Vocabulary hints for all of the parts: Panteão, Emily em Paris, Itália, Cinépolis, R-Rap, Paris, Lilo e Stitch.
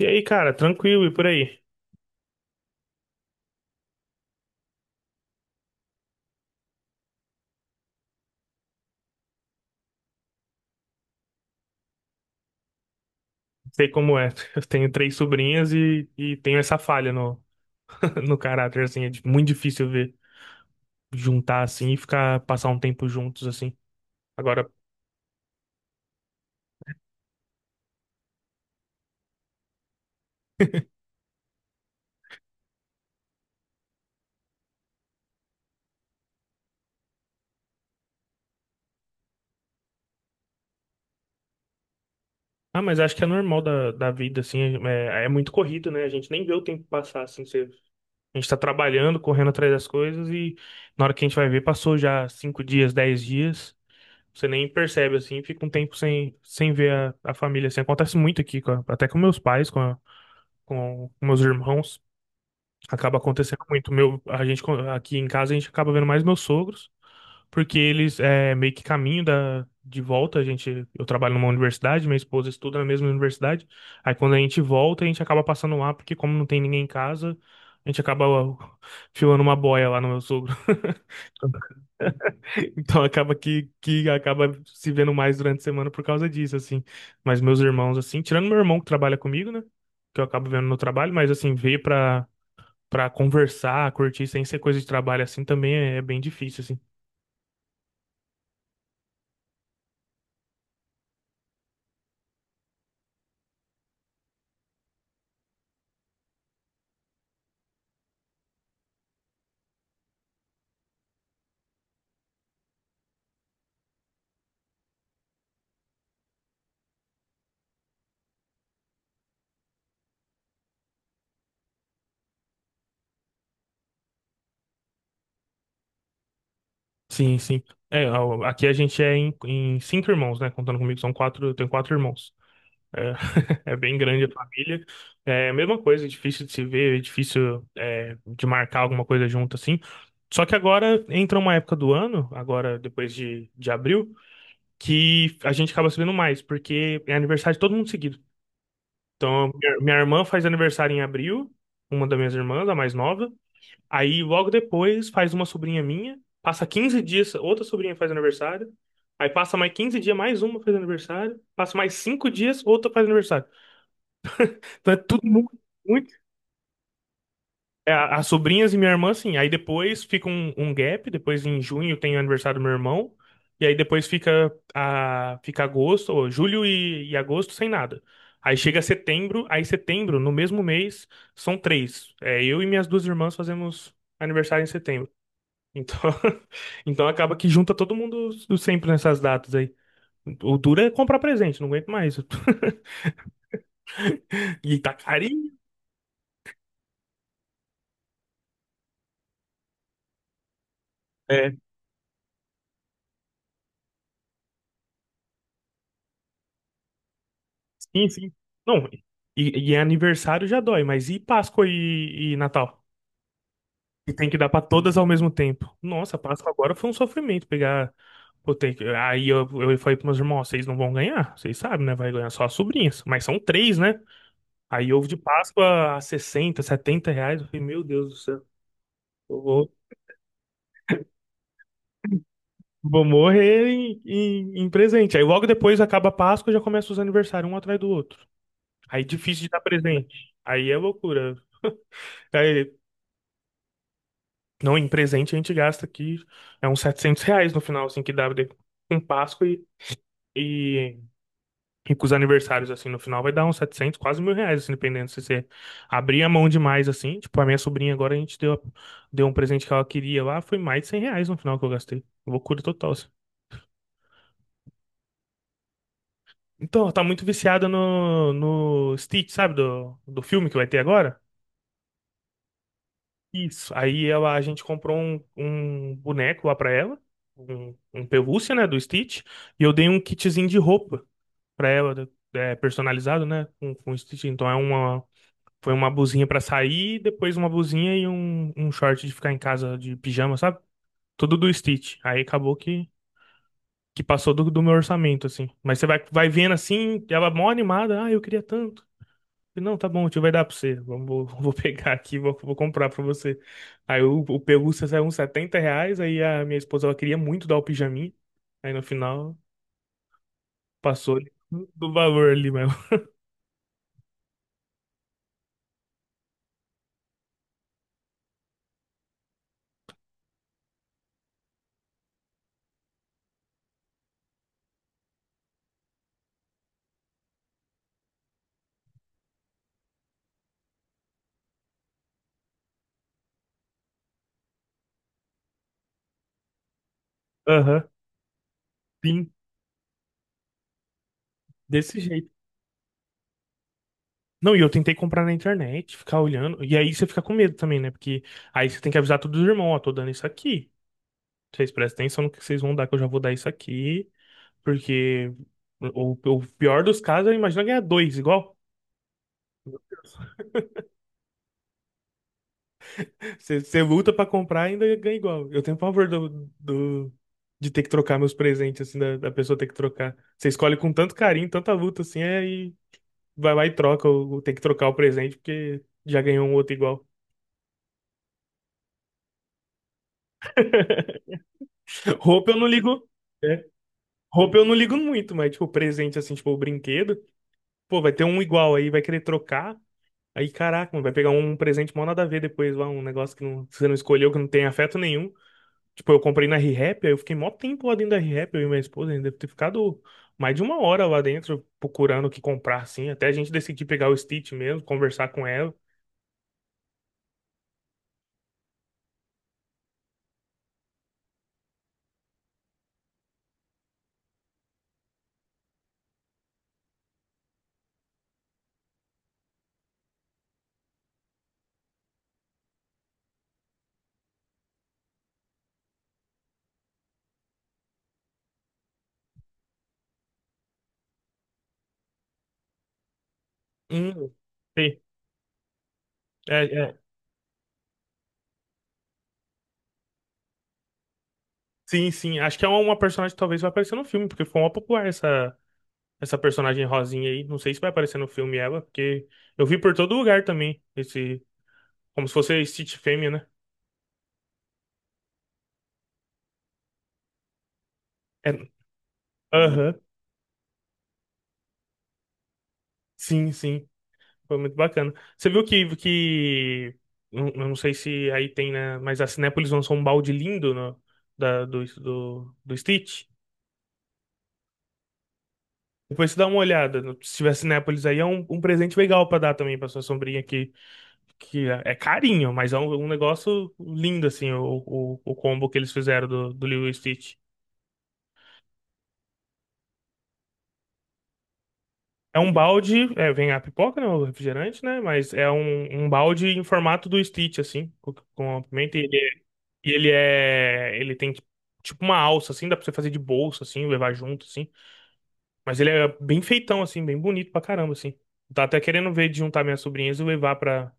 E aí, cara, tranquilo e por aí? Sei como é. Eu tenho três sobrinhas e tenho essa falha no caráter, assim. Muito difícil ver juntar assim e ficar, passar um tempo juntos, assim. Agora, ah, mas acho que é normal da vida, assim. É muito corrido, né? A gente nem vê o tempo passar, assim. A gente tá trabalhando, correndo atrás das coisas e na hora que a gente vai ver, passou já 5 dias, 10 dias. Você nem percebe, assim, fica um tempo sem ver a família, assim. Acontece muito aqui, até com meus pais, com com meus irmãos. Acaba acontecendo muito. Aqui em casa a gente acaba vendo mais meus sogros, porque eles é meio que caminho da de volta, a gente, eu trabalho numa universidade, minha esposa estuda na mesma universidade. Aí quando a gente volta, a gente acaba passando lá, porque como não tem ninguém em casa, a gente acaba ó, filando uma boia lá no meu sogro. Então acaba que acaba se vendo mais durante a semana por causa disso, assim. Mas meus irmãos, assim, tirando meu irmão que trabalha comigo, né? Que eu acabo vendo no trabalho, mas assim, veio pra pra conversar, curtir sem ser coisa de trabalho assim também é bem difícil, assim. Sim, sim. É, ó, aqui a gente é em 5 irmãos, né? Contando comigo, são quatro, eu tenho 4 irmãos. É, é bem grande a família. É a mesma coisa, é difícil de se ver, é difícil é, de marcar alguma coisa junto, assim. Só que agora entra uma época do ano, agora depois de abril, que a gente acaba sabendo mais, porque é aniversário de todo mundo seguido. Então, minha irmã faz aniversário em abril, uma das minhas irmãs, a mais nova. Aí logo depois faz uma sobrinha minha, passa 15 dias, outra sobrinha faz aniversário. Aí passa mais 15 dias, mais uma faz aniversário. Passa mais 5 dias, outra faz aniversário. Então é tudo muito, muito. É, as sobrinhas e minha irmã, assim. Aí depois fica um gap, depois em junho tem o aniversário do meu irmão. E aí depois fica, a, fica agosto, ou julho e agosto sem nada. Aí chega setembro, aí setembro, no mesmo mês, são três. É, eu e minhas duas irmãs fazemos aniversário em setembro. Então, então acaba que junta todo mundo sempre nessas datas aí. O duro é comprar presente, não aguento mais. E tá carinho. É, sim, sim. Não, e aniversário já dói, mas e Páscoa e Natal? E tem que dar pra todas ao mesmo tempo. Nossa, Páscoa agora foi um sofrimento pegar. Pô, aí eu falei pros meus irmãos: "Ó, vocês não vão ganhar, vocês sabem, né? Vai ganhar só as sobrinhas, mas são três, né? Aí ovo de Páscoa a 60 70 reais. Eu falei, meu Deus do céu. Eu vou Vou morrer em presente. Aí logo depois acaba a Páscoa e já começa os aniversários um atrás do outro. Aí difícil de dar presente. Aí é loucura. Aí, não, em presente a gente gasta aqui é uns R$ 700 no final, assim, com Páscoa e, e com os aniversários, assim, no final vai dar uns 700, quase R$ 1.000, assim, dependendo se você abrir a mão demais, assim. Tipo, a minha sobrinha agora a gente deu, deu um presente que ela queria lá, foi mais de R$ 100 no final que eu gastei. Loucura total, assim. Então, tá muito viciada no Stitch, sabe? Do filme que vai ter agora. Isso. Aí ela, a gente comprou um boneco lá pra ela, um pelúcia, né, do Stitch, e eu dei um kitzinho de roupa pra ela, é, personalizado, né, com o Stitch. Então é uma, foi uma blusinha pra sair, depois uma blusinha e um short de ficar em casa de pijama, sabe? Tudo do Stitch. Aí acabou que passou do meu orçamento, assim. Mas você vai, vai vendo assim, ela mó animada, ah, eu queria tanto. Não, tá bom, o tio vai dar pra você. Vamos, vou, vou pegar aqui, vou, vou comprar pra você. Aí o pelúcia saiu uns R$ 70, aí a minha esposa, ela queria muito dar o pijaminha. Aí no final, passou do valor ali mesmo. Aham, sim, desse jeito. Não, e eu tentei comprar na internet, ficar olhando. E aí você fica com medo também, né? Porque aí você tem que avisar todos os irmãos, ó, tô dando isso aqui. Vocês prestem atenção no que vocês vão dar, que eu já vou dar isso aqui. Porque o pior dos casos, é imagina ganhar dois igual. Você luta pra comprar e ainda ganha igual. Eu tenho pavor de ter que trocar meus presentes, assim, da pessoa ter que trocar. Você escolhe com tanto carinho, tanta luta, assim, aí vai lá e troca, ou tem que trocar o presente porque já ganhou um outro igual. Roupa eu não ligo. É. Roupa eu não ligo muito, mas, tipo, presente, assim, tipo, o brinquedo, pô, vai ter um igual aí, vai querer trocar. Aí, caraca, mano, vai pegar um presente mal nada a ver depois lá, um negócio que, não, que você não escolheu, que não tem afeto nenhum. Tipo, eu comprei na R-Rap, aí eu fiquei mó tempo lá dentro da R-Rap, eu e minha esposa, ainda deve ter ficado mais de 1 hora lá dentro procurando o que comprar, assim, até a gente decidir pegar o Stitch mesmo, conversar com ela. Hum, sim, é, é. Sim, sim, acho que é uma personagem que talvez vai aparecer no filme, porque foi uma popular essa, essa personagem rosinha aí, não sei se vai aparecer no filme ela, porque eu vi por todo lugar também, esse, como se fosse a Stitch fêmea, né? É, aham, sim, sim. Foi muito bacana. Você viu que eu não sei se aí tem, né? Mas a Cinépolis lançou um balde lindo no, do Stitch. Depois você dá uma olhada. Se tiver Cinépolis aí, é um presente legal pra dar também pra sua sombrinha aqui. Que é é carinho, mas é um negócio lindo, assim, o combo que eles fizeram do Lilo e Stitch. É um balde, é, vem a pipoca, né? O refrigerante, né? Mas é um balde em formato do Stitch, assim, com a pimenta. E ele é. Ele tem tipo uma alça, assim, dá pra você fazer de bolsa, assim, levar junto, assim. Mas ele é bem feitão, assim, bem bonito pra caramba, assim. Tá até querendo ver de juntar minhas sobrinhas e levar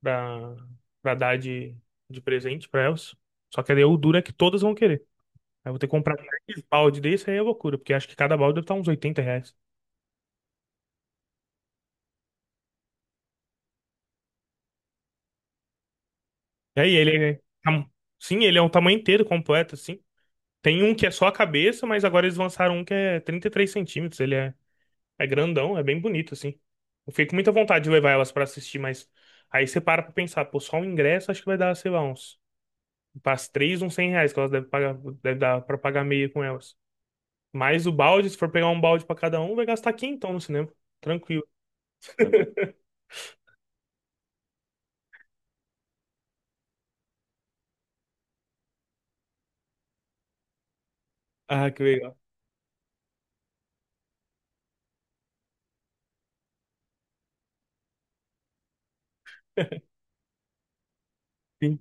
pra, pra dar de presente pra elas. Só que aí o duro é que todas vão querer. Aí eu vou ter que comprar três balde desse, aí é loucura, porque acho que cada balde deve estar uns R$ 80. E aí ele é. Tam- Sim, ele é um tamanho inteiro completo, assim. Tem um que é só a cabeça, mas agora eles lançaram um que é 33 centímetros. Ele é É grandão, é bem bonito, assim. Eu fiquei com muita vontade de levar elas pra assistir, mas aí você para pra pensar, pô, só o ingresso acho que vai dar, sei lá, uns. Para as três, uns R$ 100 que elas devem pagar, deve dar pra pagar meia com elas. Mas o balde, se for pegar um balde pra cada um, vai gastar quinhentão no cinema. Tranquilo. Ah, que legal. Sim.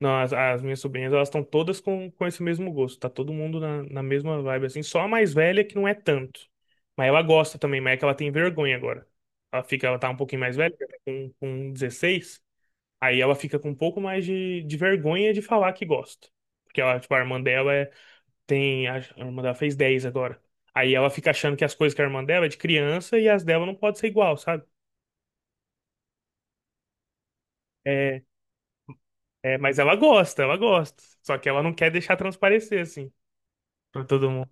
Não, as minhas sobrinhas, elas estão todas com esse mesmo gosto. Tá todo mundo na mesma vibe, assim. Só a mais velha que não é tanto. Mas ela gosta também, mas é que ela tem vergonha agora. Ela fica, ela tá um pouquinho mais velha, tá com 16. Aí ela fica com um pouco mais de vergonha de falar que gosta. Porque ela, tipo, a irmã dela é, tem. A irmã dela fez 10 agora. Aí ela fica achando que as coisas que a irmã dela é de criança e as dela não pode ser igual, sabe? É, É, mas ela gosta, ela gosta. Só que ela não quer deixar transparecer, assim, pra todo mundo.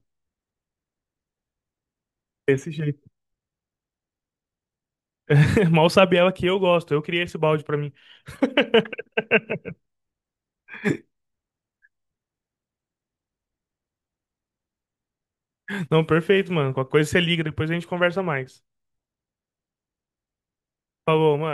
Desse jeito. Mal sabe ela que eu gosto. Eu criei esse balde pra mim. Não, perfeito, mano. Qualquer coisa você liga, depois a gente conversa mais. Falou, mano.